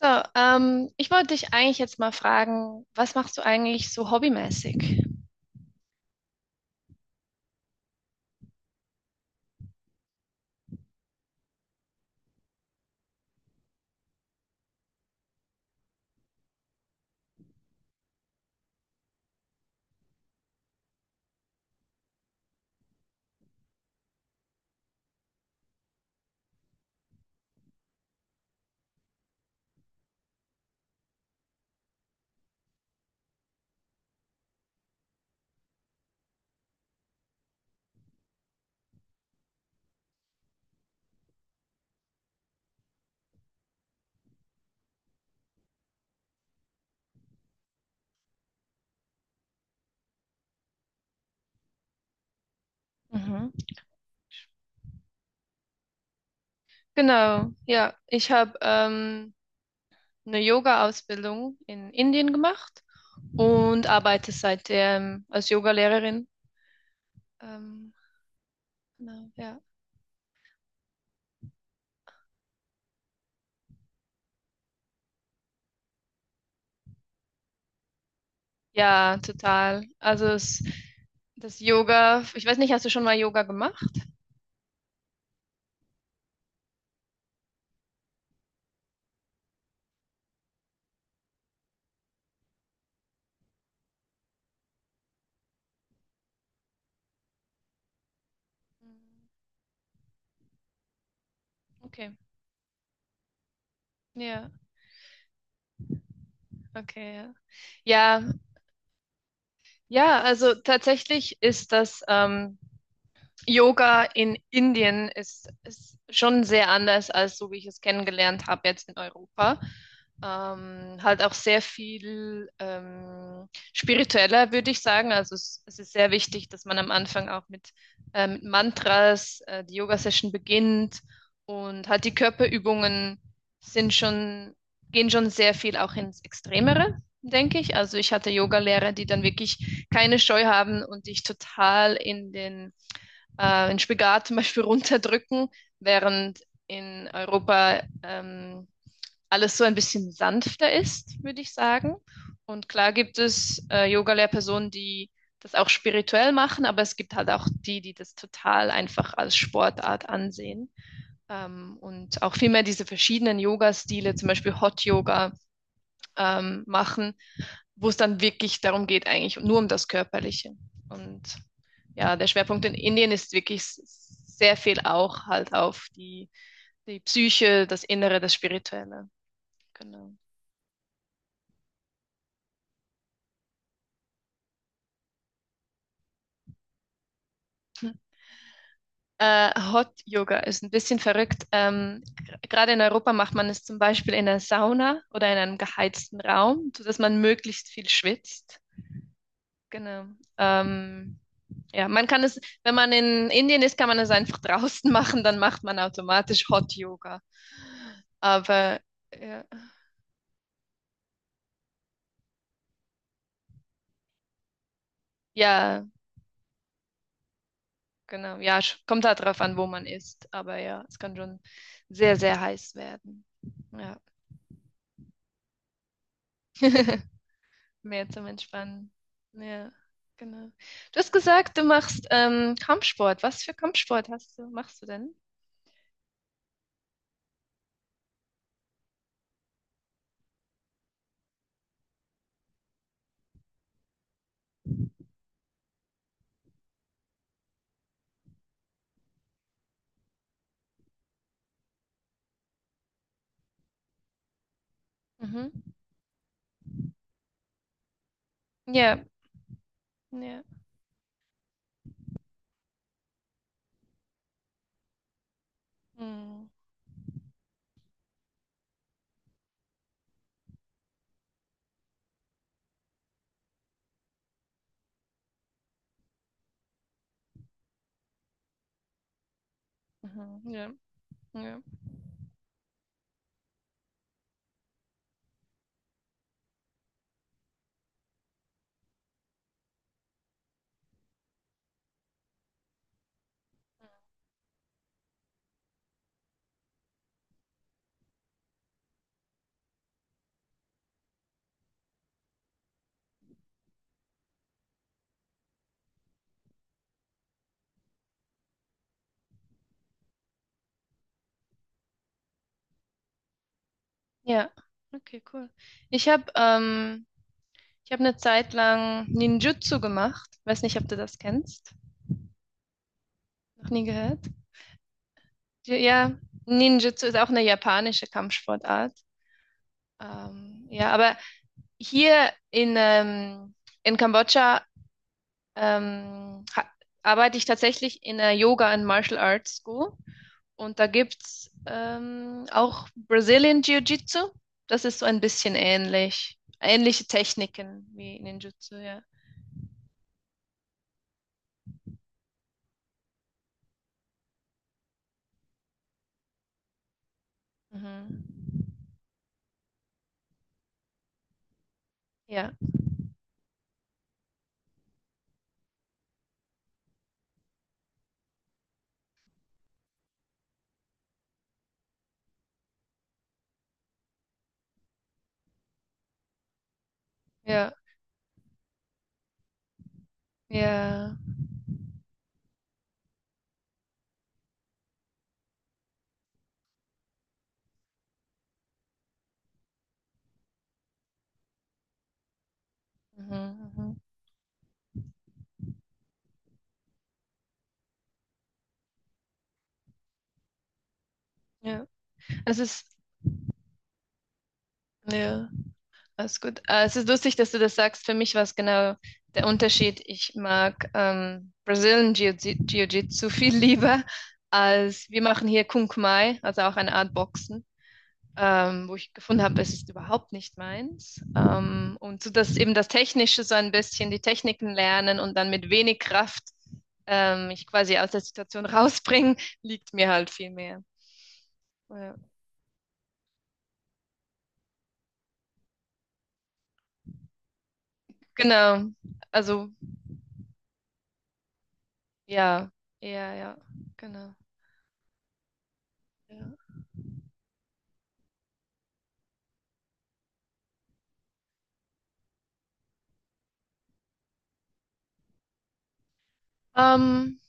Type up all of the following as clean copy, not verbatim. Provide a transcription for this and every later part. So, ich wollte dich eigentlich jetzt mal fragen, was machst du eigentlich so hobbymäßig? Mhm. Genau, ja. Ich habe eine Yoga-Ausbildung in Indien gemacht und arbeite seitdem als Yogalehrerin. Ähm, genau, ja. Ja, total. Das Yoga, ich weiß nicht, hast du schon mal Yoga gemacht? Okay, ja, okay, ja. Ja, ja, also tatsächlich ist das Yoga in Indien ist schon sehr anders als so, wie ich es kennengelernt habe jetzt in Europa. Halt auch sehr viel spiritueller, würde ich sagen. Es ist sehr wichtig, dass man am Anfang auch mit Mantras die Yoga-Session beginnt und halt die Körperübungen sind schon, gehen schon sehr viel auch ins Extremere, denke ich. Also ich hatte Yoga-Lehrer, die dann wirklich keine Scheu haben und dich total in den den Spagat zum Beispiel runterdrücken, während in Europa alles so ein bisschen sanfter ist, würde ich sagen. Und klar gibt es Yoga-Lehrpersonen, die das auch spirituell machen, aber es gibt halt auch die, die das total einfach als Sportart ansehen. Und auch vielmehr diese verschiedenen Yoga-Stile, zum Beispiel Hot Yoga machen, wo es dann wirklich darum geht, eigentlich nur um das Körperliche. Und ja, der Schwerpunkt in Indien ist wirklich sehr viel auch halt auf die Psyche, das Innere, das Spirituelle. Genau. Hot Yoga ist ein bisschen verrückt. Gerade in Europa macht man es zum Beispiel in einer Sauna oder in einem geheizten Raum, sodass man möglichst viel schwitzt. Genau. Ähm, ja, man kann es, wenn man in Indien ist, kann man es einfach draußen machen, dann macht man automatisch Hot Yoga. Aber ja, ja, genau, ja, kommt halt drauf an, wo man ist. Aber ja, es kann schon sehr, sehr heiß werden. Ja, mehr zum Entspannen. Ja, genau. Du hast gesagt, du machst Kampfsport. Was für Kampfsport machst du denn? Mhm. Ja, ja. Mhm. Mhm. Ja, ja. Ja, okay, cool. Ich habe ähm, ich habe eine Zeit lang Ninjutsu gemacht. Weiß nicht, ob du das kennst. Noch nie gehört? Ja, ja, Ninjutsu ist auch eine japanische Kampfsportart. Ja, aber hier in Kambodscha ähm, ha- arbeite ich tatsächlich in einer Yoga and Martial Arts School. Und da gibt's auch Brazilian Jiu-Jitsu. Das ist so ein bisschen ähnlich. Ähnliche Techniken wie Ninjutsu, ja. Mhm. Ja, ja, ja. Mhm, mhm. Ja. Es ist, ja, alles gut. Es ist lustig, dass du das sagst. Für mich war es genau der Unterschied. Ich mag Jiu-Jitsu viel lieber als wir machen hier Kung Mai, also auch eine Art Boxen. Wo ich gefunden habe, es ist überhaupt nicht meins. Und so dass eben das Technische so ein bisschen die Techniken lernen und dann mit wenig Kraft mich quasi aus der Situation rausbringen, liegt mir halt viel mehr. Ja. Genau. Also, ja. Ja, ja, genau. Ja. Ähm,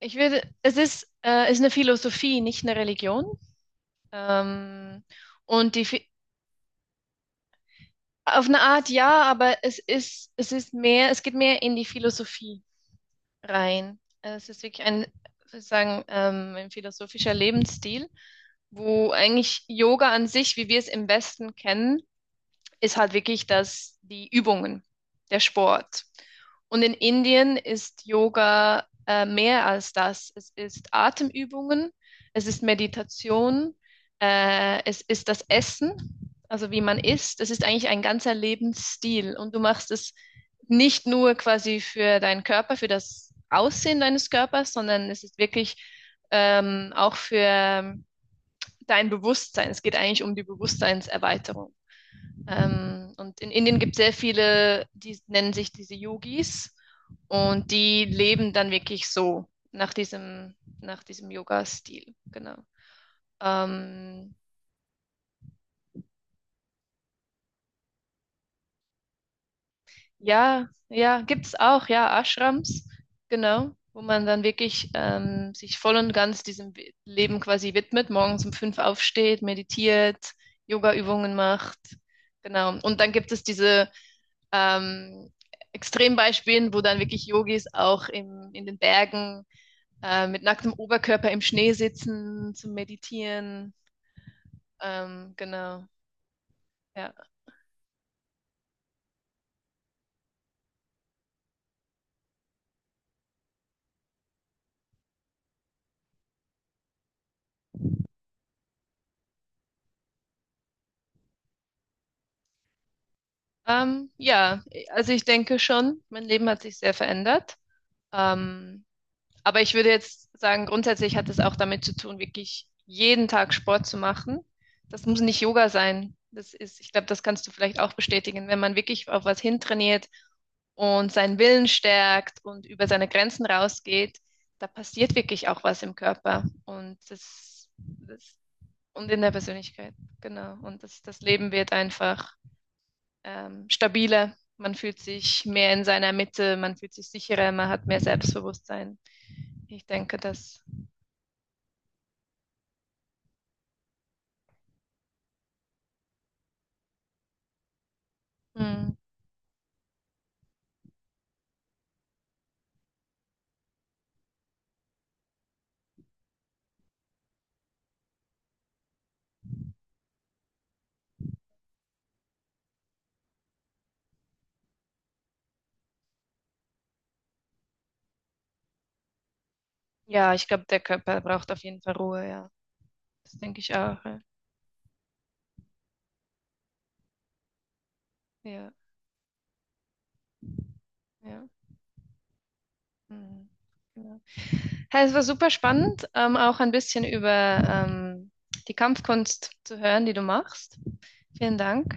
ich würde, ist eine Philosophie, nicht eine Religion. Ähm, und auf eine Art ja, aber es ist mehr, es geht mehr in die Philosophie rein. Es ist wirklich ein, sozusagen, ein philosophischer Lebensstil, wo eigentlich Yoga an sich, wie wir es im Westen kennen, ist halt wirklich das, die Übungen, der Sport. Und in Indien ist Yoga mehr als das. Es ist Atemübungen, es ist Meditation, es ist das Essen, also wie man isst. Es ist eigentlich ein ganzer Lebensstil und du machst es nicht nur quasi für deinen Körper, für das Aussehen deines Körpers, sondern es ist wirklich auch für dein Bewusstsein. Es geht eigentlich um die Bewusstseinserweiterung. Und in Indien gibt es sehr viele, die nennen sich diese Yogis und die leben dann wirklich so nach nach diesem Yoga-Stil. Genau. Ähm, ja, ja, gibt es auch, ja, Ashrams, genau, wo man dann wirklich sich voll und ganz diesem Leben quasi widmet, morgens um fünf aufsteht, meditiert, Yoga-Übungen macht. Genau. Und dann gibt es diese ähm, Extrembeispielen, wo dann wirklich Yogis auch in den Bergen mit nacktem Oberkörper im Schnee sitzen zum Meditieren. Genau. Ja. Ja, also ich denke schon, mein Leben hat sich sehr verändert. Ähm, aber ich würde jetzt sagen, grundsätzlich hat es auch damit zu tun, wirklich jeden Tag Sport zu machen. Das muss nicht Yoga sein. Das ist, ich glaube, das kannst du vielleicht auch bestätigen. Wenn man wirklich auf was hintrainiert, und seinen Willen stärkt und über seine Grenzen rausgeht, da passiert wirklich auch was im Körper und das und in der Persönlichkeit, genau. Und das Leben wird einfach stabiler. Man fühlt sich mehr in seiner Mitte, man fühlt sich sicherer, man hat mehr Selbstbewusstsein. Ich denke, dass, hm, ja, ich glaube, der Körper braucht auf jeden Fall Ruhe, ja. Das denke ich auch. Ja, ja. Ja. Hm, genau. Ja, es war super spannend, auch ein bisschen über ähm, die Kampfkunst zu hören, die du machst. Vielen Dank.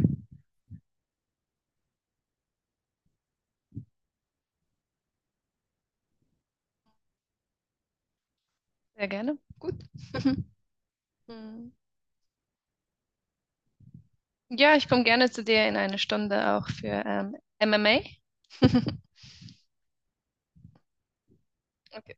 Sehr gerne. Gut. Mm. Ja, ich komme gerne zu dir in einer Stunde auch für MMA. Okay.